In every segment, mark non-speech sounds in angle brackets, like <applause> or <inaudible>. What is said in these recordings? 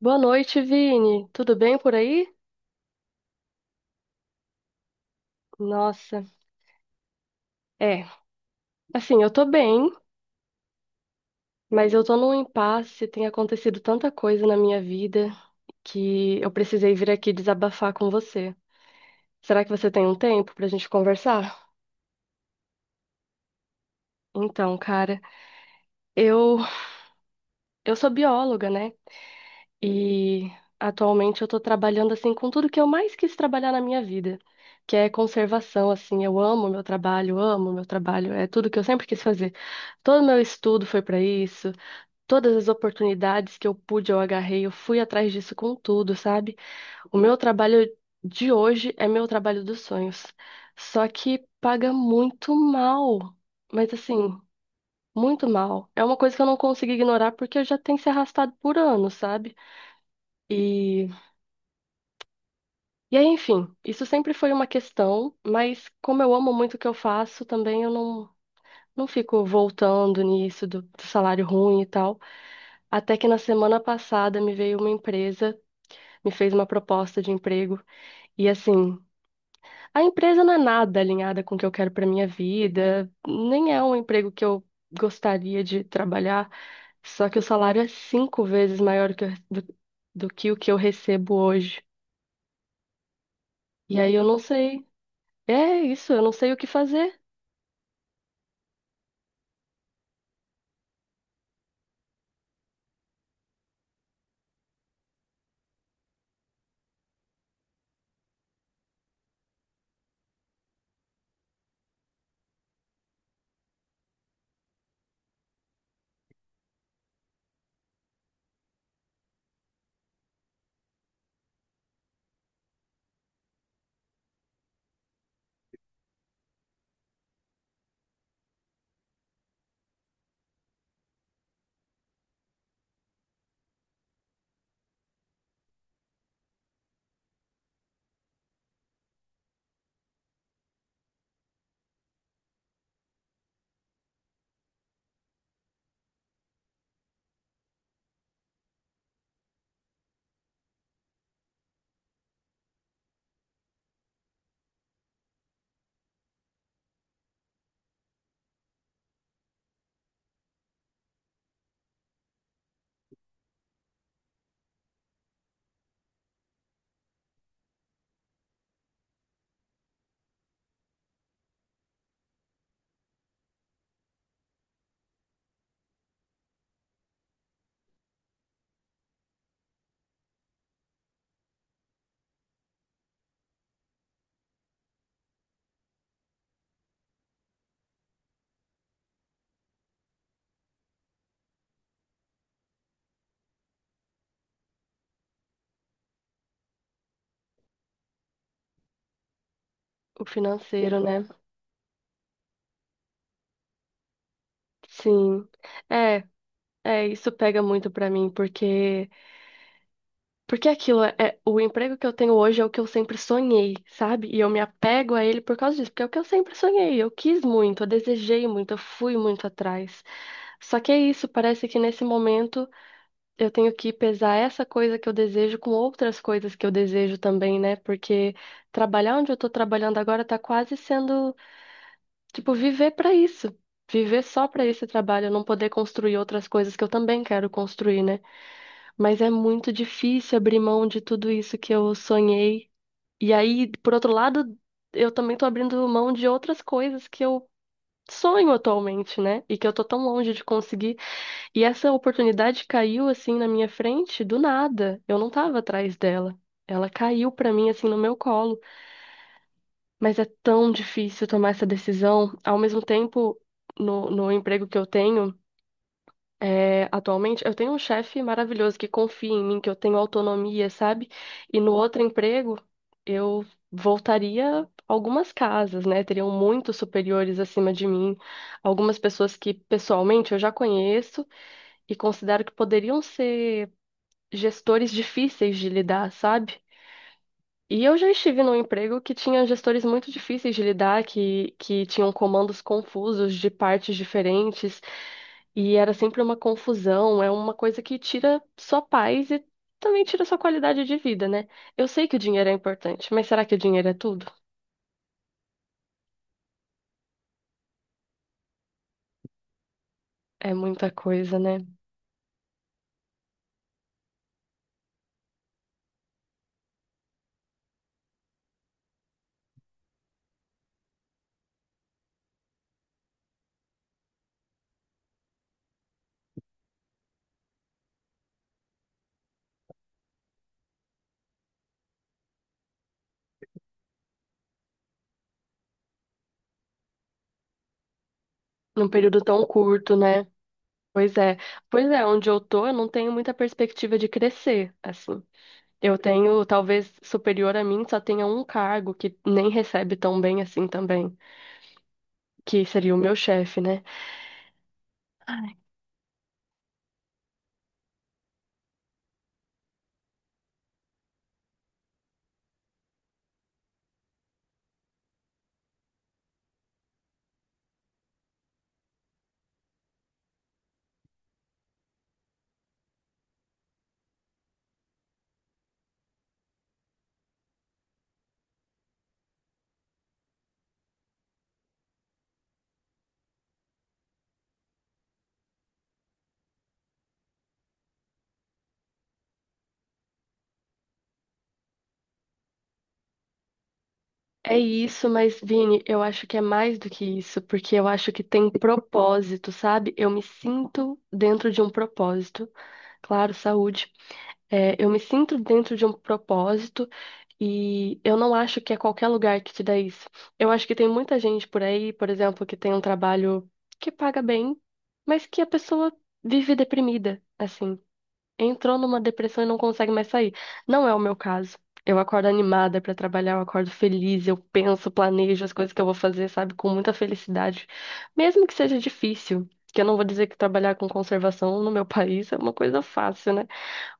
Boa noite, Vini. Tudo bem por aí? Nossa, é. Assim, eu tô bem, mas eu tô num impasse. Tem acontecido tanta coisa na minha vida que eu precisei vir aqui desabafar com você. Será que você tem um tempo pra gente conversar? Então, cara, eu eu sou bióloga, né? E atualmente eu tô trabalhando assim com tudo que eu mais quis trabalhar na minha vida, que é conservação, assim. Eu amo meu trabalho, é tudo que eu sempre quis fazer. Todo meu estudo foi para isso. Todas as oportunidades que eu pude, eu agarrei, eu fui atrás disso com tudo, sabe? O meu trabalho de hoje é meu trabalho dos sonhos. Só que paga muito mal. Mas assim, muito mal. É uma coisa que eu não consigo ignorar porque eu já tenho se arrastado por anos, sabe? E, e aí, enfim, isso sempre foi uma questão, mas como eu amo muito o que eu faço, também eu não, não fico voltando nisso do salário ruim e tal. Até que na semana passada me veio uma empresa, me fez uma proposta de emprego. E assim, a empresa não é nada alinhada com o que eu quero para minha vida, nem é um emprego que eu gostaria de trabalhar, só que o salário é 5 vezes maior do que o que eu recebo hoje. E aí eu não sei, é isso, eu não sei o que fazer. O financeiro, né? Sim. É, isso pega muito para mim, porque... O emprego que eu tenho hoje é o que eu sempre sonhei, sabe? E eu me apego a ele por causa disso, porque é o que eu sempre sonhei, eu quis muito, eu desejei muito, eu fui muito atrás. Só que é isso, parece que nesse momento eu tenho que pesar essa coisa que eu desejo com outras coisas que eu desejo também, né? Porque trabalhar onde eu tô trabalhando agora tá quase sendo, tipo, viver pra isso. Viver só pra esse trabalho, eu não poder construir outras coisas que eu também quero construir, né? Mas é muito difícil abrir mão de tudo isso que eu sonhei. E aí, por outro lado, eu também tô abrindo mão de outras coisas que eu sonho atualmente, né? E que eu tô tão longe de conseguir. E essa oportunidade caiu assim na minha frente do nada. Eu não tava atrás dela. Ela caiu pra mim assim no meu colo. Mas é tão difícil tomar essa decisão. Ao mesmo tempo, no emprego que eu tenho. É, atualmente eu tenho um chefe maravilhoso que confia em mim, que eu tenho autonomia, sabe? E no outro emprego eu voltaria algumas casas, né? Teriam muitos superiores acima de mim, algumas pessoas que pessoalmente eu já conheço e considero que poderiam ser gestores difíceis de lidar, sabe? E eu já estive num emprego que tinha gestores muito difíceis de lidar, que tinham comandos confusos de partes diferentes, e era sempre uma confusão, é uma coisa que tira sua paz e também tira sua qualidade de vida, né? Eu sei que o dinheiro é importante, mas será que o dinheiro é tudo? É muita coisa, né? Num período tão curto, né? Pois é. Pois é, onde eu tô, eu não tenho muita perspectiva de crescer, assim. Eu tenho, talvez superior a mim, só tenha um cargo que nem recebe tão bem assim também, que seria o meu chefe, né? É isso, mas Vini, eu acho que é mais do que isso, porque eu acho que tem propósito, sabe? Eu me sinto dentro de um propósito, claro, saúde. É, eu me sinto dentro de um propósito e eu não acho que é qualquer lugar que te dá isso. Eu acho que tem muita gente por aí, por exemplo, que tem um trabalho que paga bem, mas que a pessoa vive deprimida, assim, entrou numa depressão e não consegue mais sair. Não é o meu caso. Eu acordo animada pra trabalhar, eu acordo feliz, eu penso, planejo as coisas que eu vou fazer, sabe, com muita felicidade. Mesmo que seja difícil, que eu não vou dizer que trabalhar com conservação no meu <laughs> país é uma coisa fácil, né?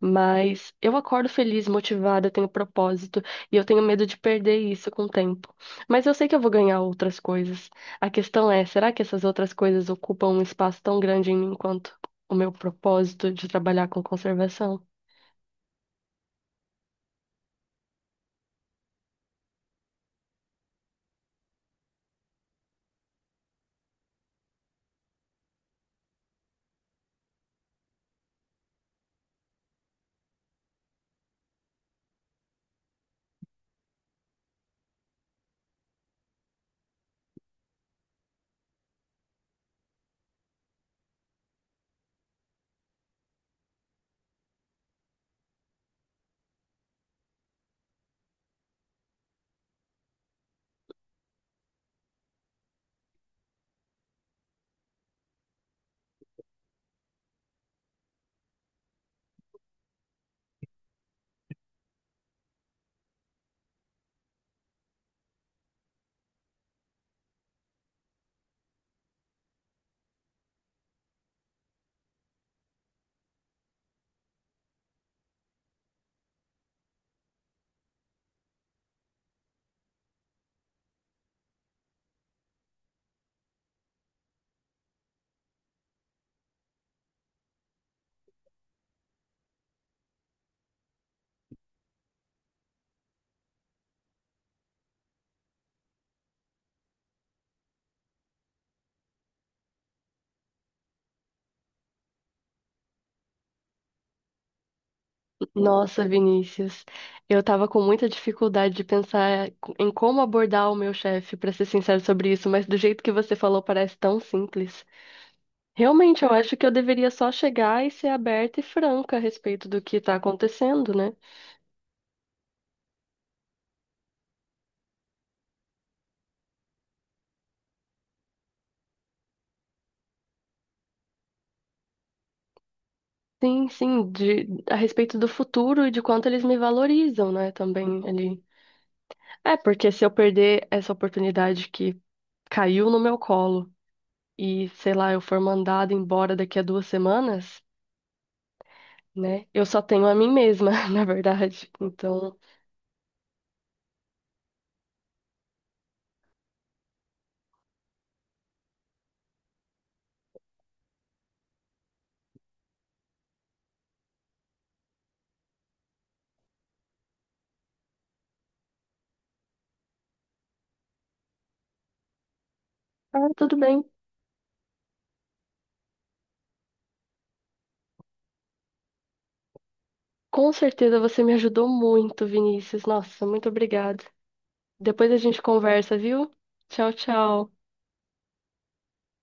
Mas eu acordo feliz, motivada, eu tenho propósito e eu tenho medo de perder isso com o tempo. Mas eu sei que eu vou ganhar outras coisas. A questão é, será que essas outras coisas ocupam um espaço tão grande em mim quanto o meu propósito de trabalhar com conservação? Nossa, Vinícius, eu tava com muita dificuldade de pensar em como abordar o meu chefe, pra ser sincero sobre isso, mas do jeito que você falou parece tão simples. Realmente, eu acho que eu deveria só chegar e ser aberta e franca a respeito do que está acontecendo, né? Sim, sim, a respeito do futuro e de quanto eles me valorizam, né? Também ali. É, porque se eu perder essa oportunidade que caiu no meu colo e, sei lá, eu for mandada embora daqui a 2 semanas, né? Eu só tenho a mim mesma, <laughs> na verdade. Então, ah, tudo bem. Com certeza você me ajudou muito, Vinícius. Nossa, muito obrigada. Depois a gente conversa, viu? Tchau, tchau.